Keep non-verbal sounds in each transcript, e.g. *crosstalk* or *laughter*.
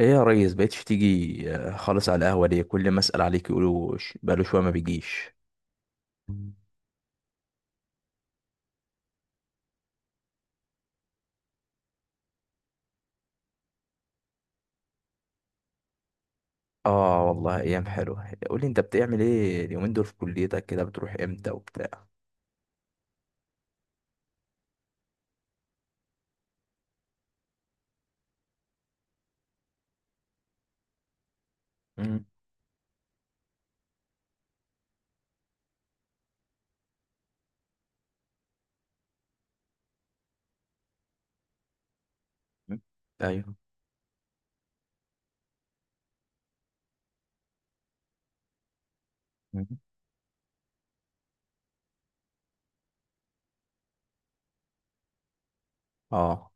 ايه يا ريس بقيتش تيجي خالص على القهوة؟ ليه كل ما اسأل عليك يقولوا بقاله شوية ما بيجيش. اه والله ايام حلوة. قولي انت بتعمل ايه اليومين دول في كليتك؟ كده بتروح امتى وبتاع؟ مم. ايوه. مم. اه.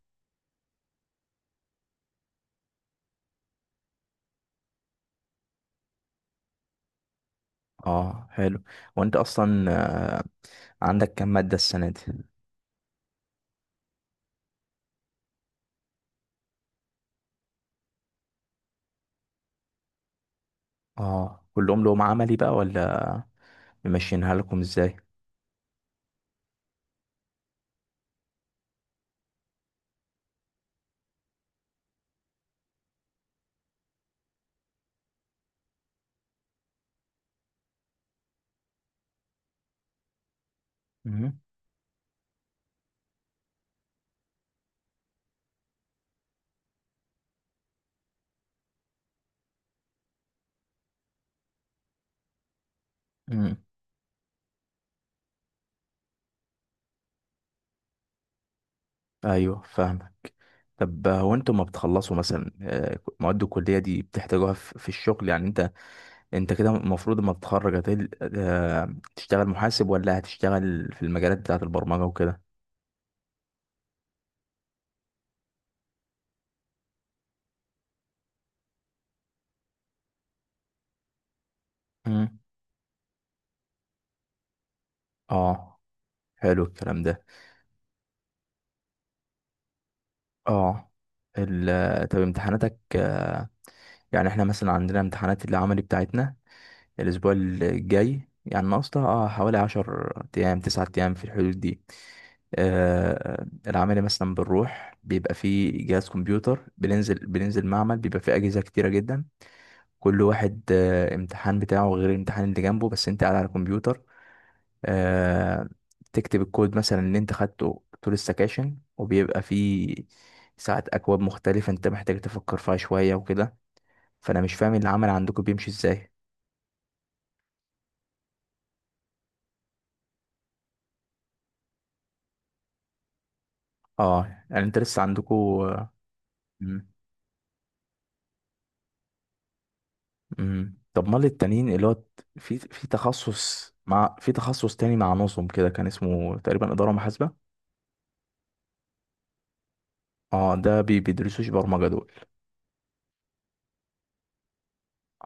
اه حلو. وانت اصلا آه، عندك كام مادة السنة دي؟ اه كلهم لهم عملي بقى ولا ممشينها لكم ازاي؟ مم. امم. ايوه فاهمك. طب هو انتوا ما بتخلصوا مثلا مواد الكليه دي بتحتاجوها في الشغل؟ يعني انت انت كده المفروض لما تتخرج تشتغل محاسب ولا هتشتغل في المجالات بتاعة البرمجة وكده؟ مم. اه حلو الكلام ده. اه طب امتحاناتك، يعني احنا مثلا عندنا امتحانات العملي بتاعتنا الاسبوع الجاي، يعني ناقصها اه حوالي 10 ايام، 9 ايام، في الحدود دي. آه العملي مثلا بنروح بيبقى فيه جهاز كمبيوتر، بننزل معمل بيبقى فيه اجهزة كتيرة جدا. كل واحد امتحان بتاعه غير الامتحان اللي جنبه، بس انت قاعد على الكمبيوتر، آه، تكتب الكود مثلا اللي انت خدته طول السكاشن. وبيبقى فيه ساعات اكواد مختلفة انت محتاج تفكر فيها شوية وكده. فانا مش فاهم العمل عندكم بيمشي ازاي. اه يعني انت لسه عندكم. طب امال التانيين اللي هو في تخصص مع، في تخصص تاني مع نظم كده كان اسمه تقريبا إدارة محاسبة. اه ده بيدرسوش برمجة دول؟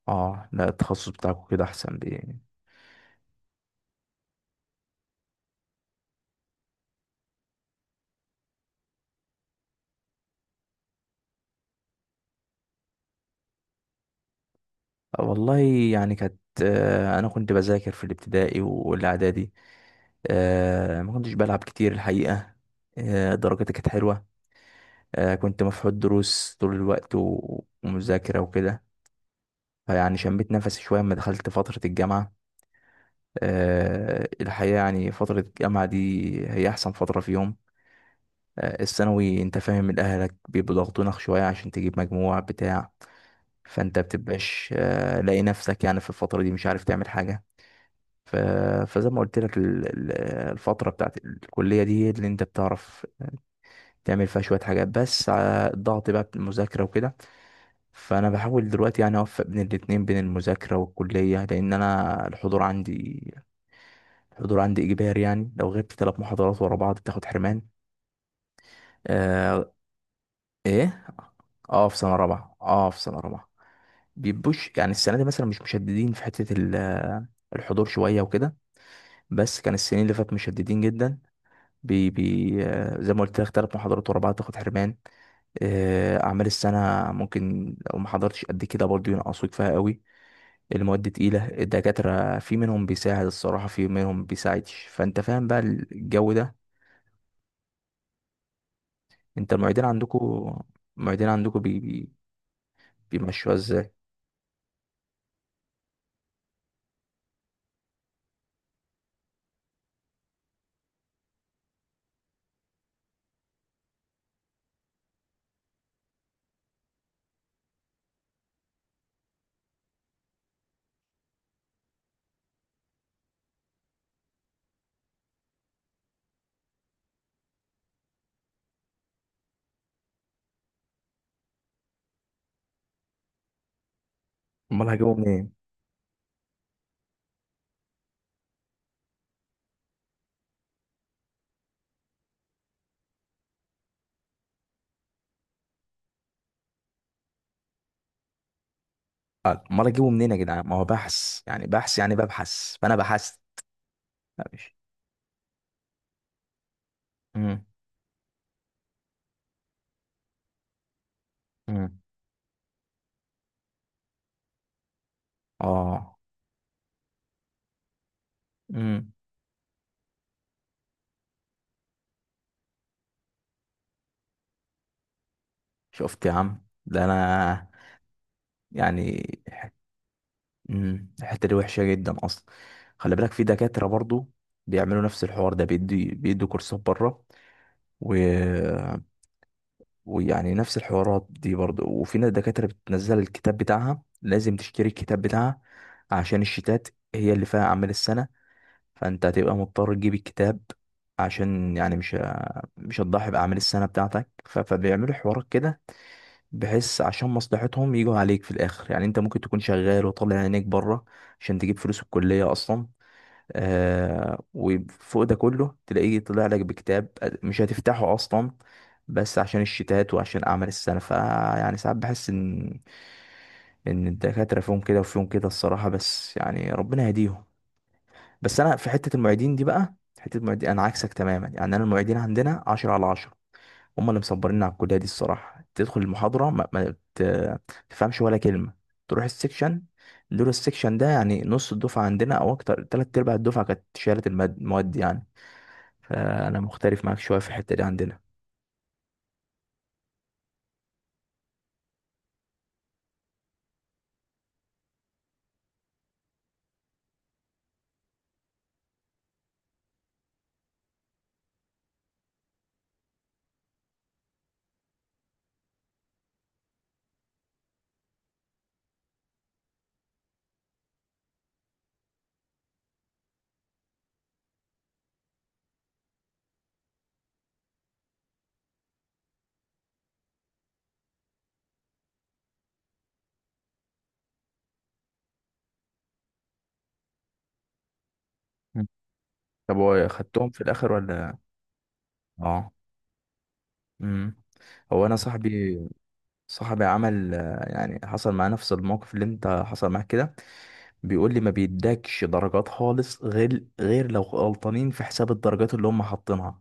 اه لا التخصص بتاعكم كده احسن، بي. والله يعني كانت انا كنت بذاكر في الابتدائي والاعدادي، ما كنتش بلعب كتير الحقيقه، درجتي كانت حلوه، كنت مفحوط دروس طول الوقت ومذاكره وكده. فيعني شميت نفسي شويه لما دخلت فتره الجامعه. الحقيقه يعني فتره الجامعه دي هي احسن فتره فيهم. الثانوي انت فاهم، من اهلك بيبقوا ضاغطينك شويه عشان تجيب مجموع بتاع. فانت بتبقاش لاقي نفسك يعني في الفتره دي مش عارف تعمل حاجه. ف- فزي ما قلت لك الفترة بتاعت الكلية دي هي اللي انت بتعرف تعمل فيها شوية حاجات بس على الضغط بقى بالمذاكرة وكده. فأنا بحاول دلوقتي يعني أوفق بين الاتنين، بين المذاكرة والكلية، لأن أنا الحضور عندي إجباري. يعني لو غبت 3 محاضرات ورا بعض بتاخد حرمان. آه. إيه؟ اه في سنة رابعة، اه في سنة رابعة. بيبوش يعني السنة دي مثلا مش مشددين في الحضور شوية وكده، بس كان السنين اللي فاتت مشددين جدا. بي بي زي ما قلت لك 3 محاضرات ورا بعض تاخد حرمان، أعمال السنة ممكن لو ما حضرتش قد كده برضه ينقصوك فيها قوي. المواد تقيلة، الدكاترة في منهم بيساعد الصراحة في منهم بيساعدش، فأنت فاهم بقى الجو ده. أنت المعيدين عندكوا، المعيدين عندكوا بي بي بيمشوها ازاي؟ أمال هجيبه منين؟ أمال هجيبه منين يا جدعان؟ ما هو بحث يعني، بحث يعني ببحث فأنا بحثت. لا، مش. مم. مم. اه. مم. شفت يا عم ده، أنا يعني. مم، الحتة دي وحشة جدا أصلا. خلي بالك في دكاترة برضو بيعملوا نفس الحوار ده، بيدوا كورسات بره، و... ويعني نفس الحوارات دي برضو. وفي ناس دكاترة بتنزل الكتاب بتاعها، لازم تشتري الكتاب بتاعها عشان الشتات هي اللي فيها أعمال السنة، فأنت هتبقى مضطر تجيب الكتاب عشان يعني مش هتضحي بأعمال السنة بتاعتك. فبيعملوا حوارات كده بحيث عشان مصلحتهم يجوا عليك في الاخر. يعني انت ممكن تكون شغال وطالع عينيك بره عشان تجيب فلوس الكليه اصلا، آه وفوق ده كله تلاقيه طلع لك بكتاب مش هتفتحه اصلا، بس عشان الشتات وعشان اعمال السنه. فيعني ساعات بحس ان ان الدكاتره فيهم كده وفيهم كده الصراحه، بس يعني ربنا يهديهم. بس انا في حته المعيدين دي بقى، حته المعيدين انا عكسك تماما. يعني انا المعيدين عندنا 10 على 10، هم اللي مصبريننا على الكليه دي الصراحه. تدخل المحاضره ما تفهمش ولا كلمه، تروح السكشن. دول السكشن ده يعني نص الدفعه عندنا او اكتر تلات ارباع الدفعه كانت شالت المواد يعني. فانا مختلف معاك شويه في الحته دي عندنا. مم. طب هو خدتهم في الاخر ولا؟ اه. امم. هو انا صاحبي، صاحبي عمل يعني حصل معاه نفس الموقف اللي انت حصل معاك كده. بيقول لي ما بيدكش درجات خالص، غير لو غلطانين في حساب الدرجات اللي هم حاطينها،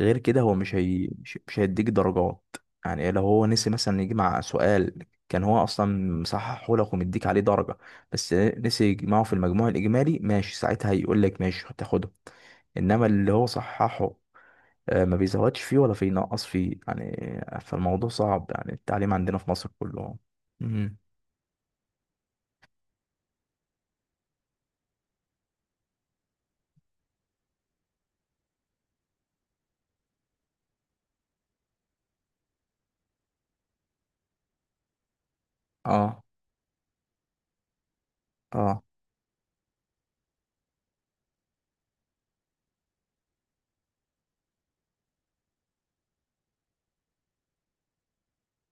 غير كده هو مش هيديك درجات. يعني لو هو نسي مثلا يجمع سؤال كان هو اصلا مصححه لك ومديك عليه درجه، بس نسي يجمعه في المجموع الاجمالي، ماشي ساعتها هيقول لك ماشي هتاخده. انما اللي هو صححه ما بيزودش فيه ولا بينقص فيه يعني. فالموضوع صعب، يعني التعليم عندنا في مصر كله. مم. اه. اه.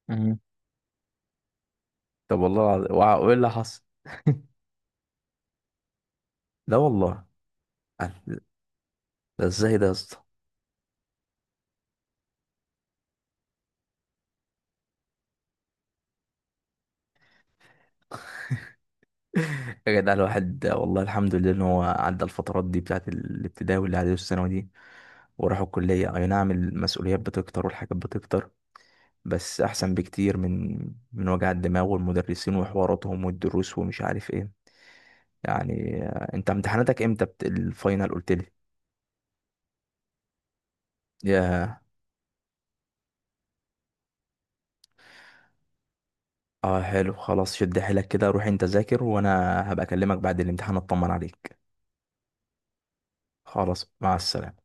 مم. طب والله العظيم وايه اللي حصل؟ *laughs* لا والله ده ازاي ده يا اسطى؟ يا جدع الواحد والله الحمد لله ان هو عدى الفترات دي بتاعت الابتدائي والاعدادي والثانوي دي، وراح الكليه. اي نعم المسؤوليات بتكتر والحاجات بتكتر، بس احسن بكتير من وجع الدماغ والمدرسين وحواراتهم والدروس ومش عارف ايه. يعني انت امتحاناتك امتى؟ الفاينل قلت لي. يا اه حلو خلاص، شد حيلك كده، روح انت ذاكر وانا هبقى اكلمك بعد الامتحان اطمن عليك. خلاص مع السلامه.